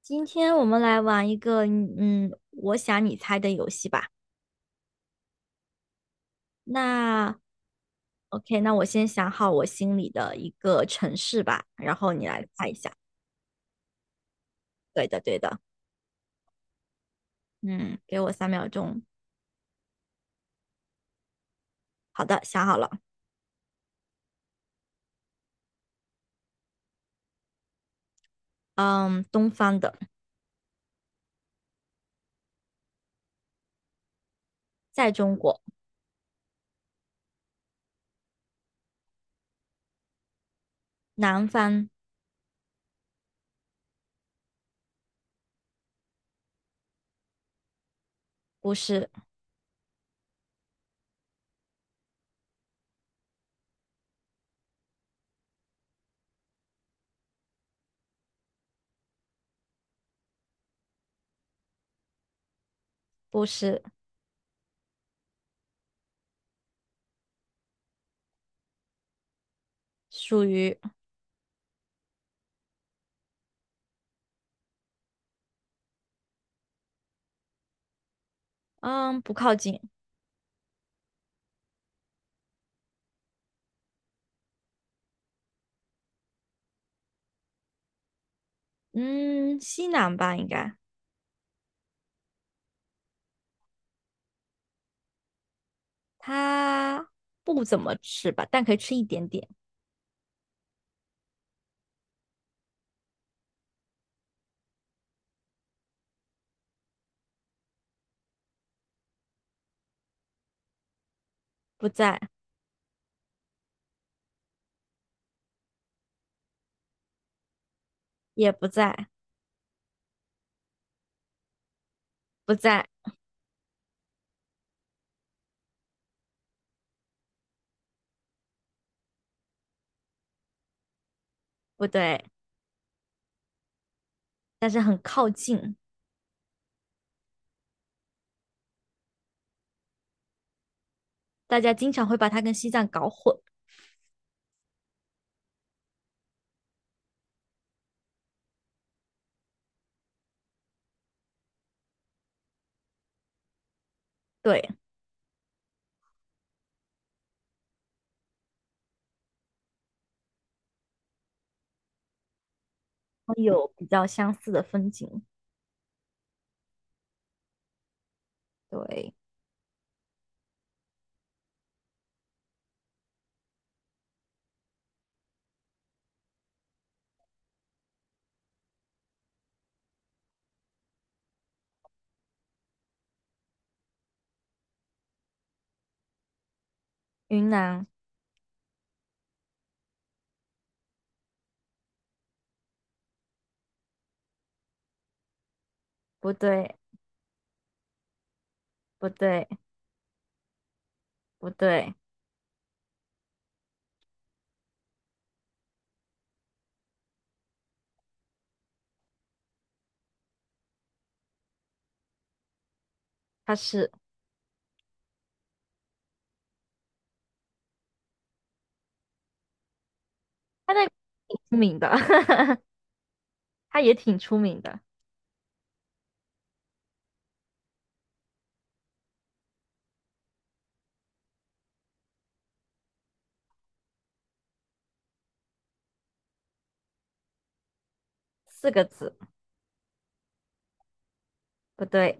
今天我们来玩一个，我想你猜的游戏吧。那 OK，那我先想好我心里的一个城市吧，然后你来猜一下。对的，对的，嗯，给我3秒钟。好的，想好了。嗯，东方的，在中国，南方不是，不是，属于，嗯，不靠近，嗯，西南吧，应该。它不怎么吃吧，但可以吃一点点。不在，也不在，不在，不对。但是很靠近，大家经常会把它跟西藏搞混。对，有比较相似的风景。对，云南不对，不对，不对，它是它那个挺出名的，它也挺出名的，四个字，不对，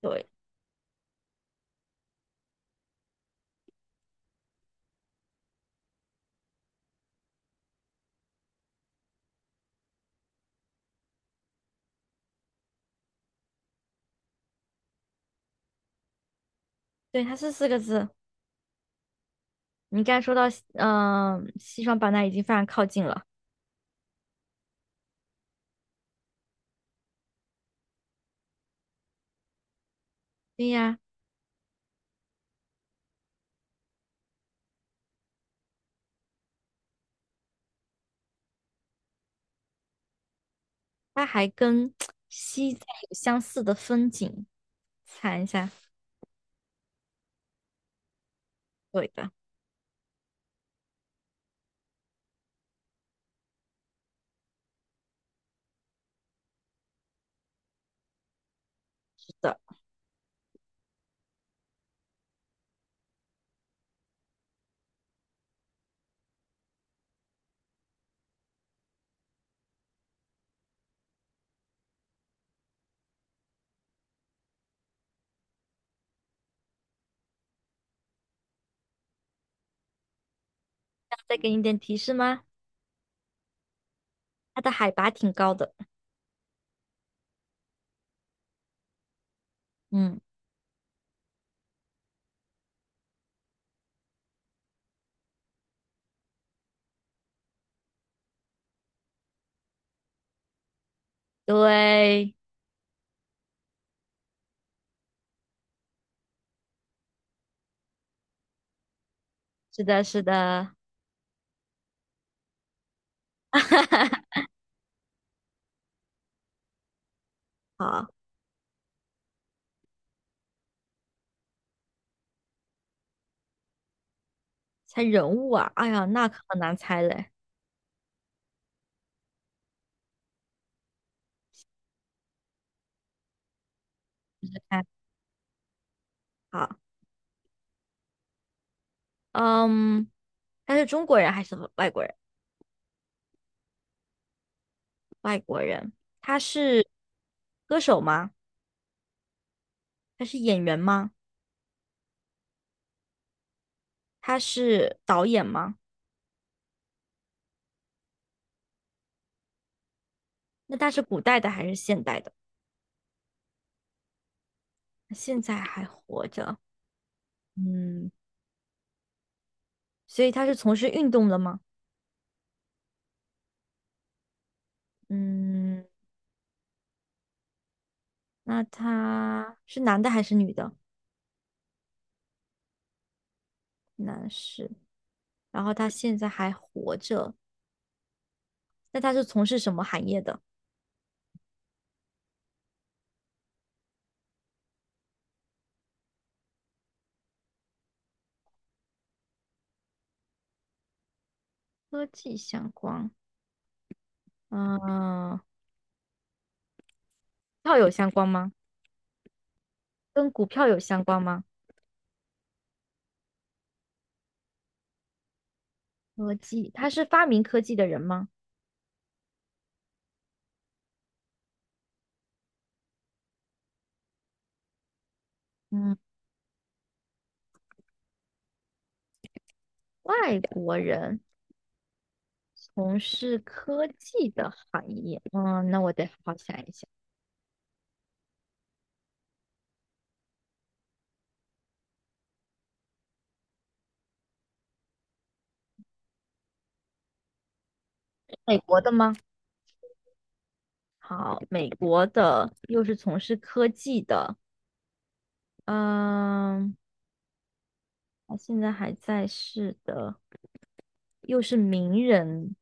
对，对，它是四个字。你刚才说到，西双版纳已经非常靠近了。对呀，它还跟西藏有相似的风景。猜一下，对的，是的。再给你一点提示吗？它的海拔挺高的。嗯，对，是的，是的。好，猜人物啊，哎呀，那可难猜嘞。看，好，嗯，他是中国人还是外国人？外国人，他是歌手吗？他是演员吗？他是导演吗？那他是古代的还是现代的？现在还活着，嗯，所以他是从事运动的吗？嗯，那他是男的还是女的？男士，然后他现在还活着。那他是从事什么行业的？科技相关，嗯，票有相关吗？跟股票有相关吗？科技，他是发明科技的人吗？嗯，外国人从事科技的行业，那我得好好想一想，美国的吗？好，美国的又是从事科技的，嗯，他现在还在世的，又是名人，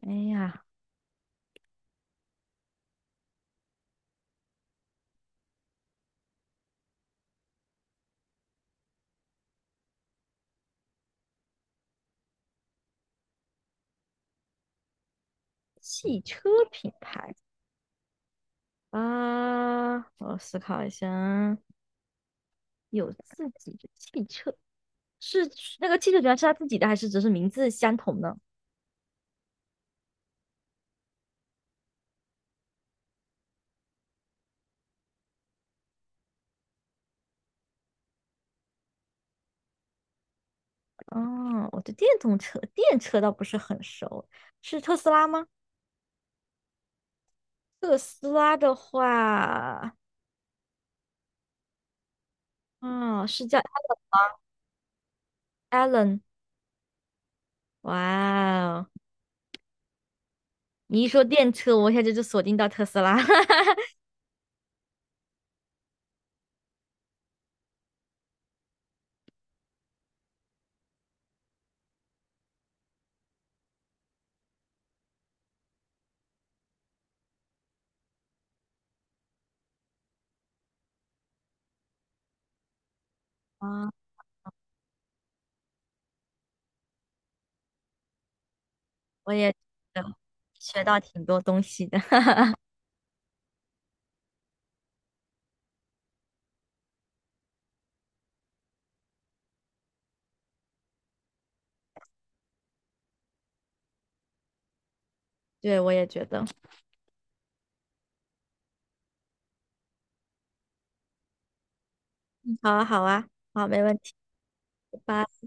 哎呀，汽车品牌啊，我思考一下啊，有自己的汽车，是那个汽车品牌是他自己的，还是只是名字相同呢？啊，我对电动车、电车倒不是很熟，是特斯拉吗？特斯拉的话，哦，是叫 Alan。哇哦，你一说电车，我一下就锁定到特斯拉。啊，我也觉得学到挺多东西的。对，我也觉得。嗯好啊，好啊，好，没问题。拜拜。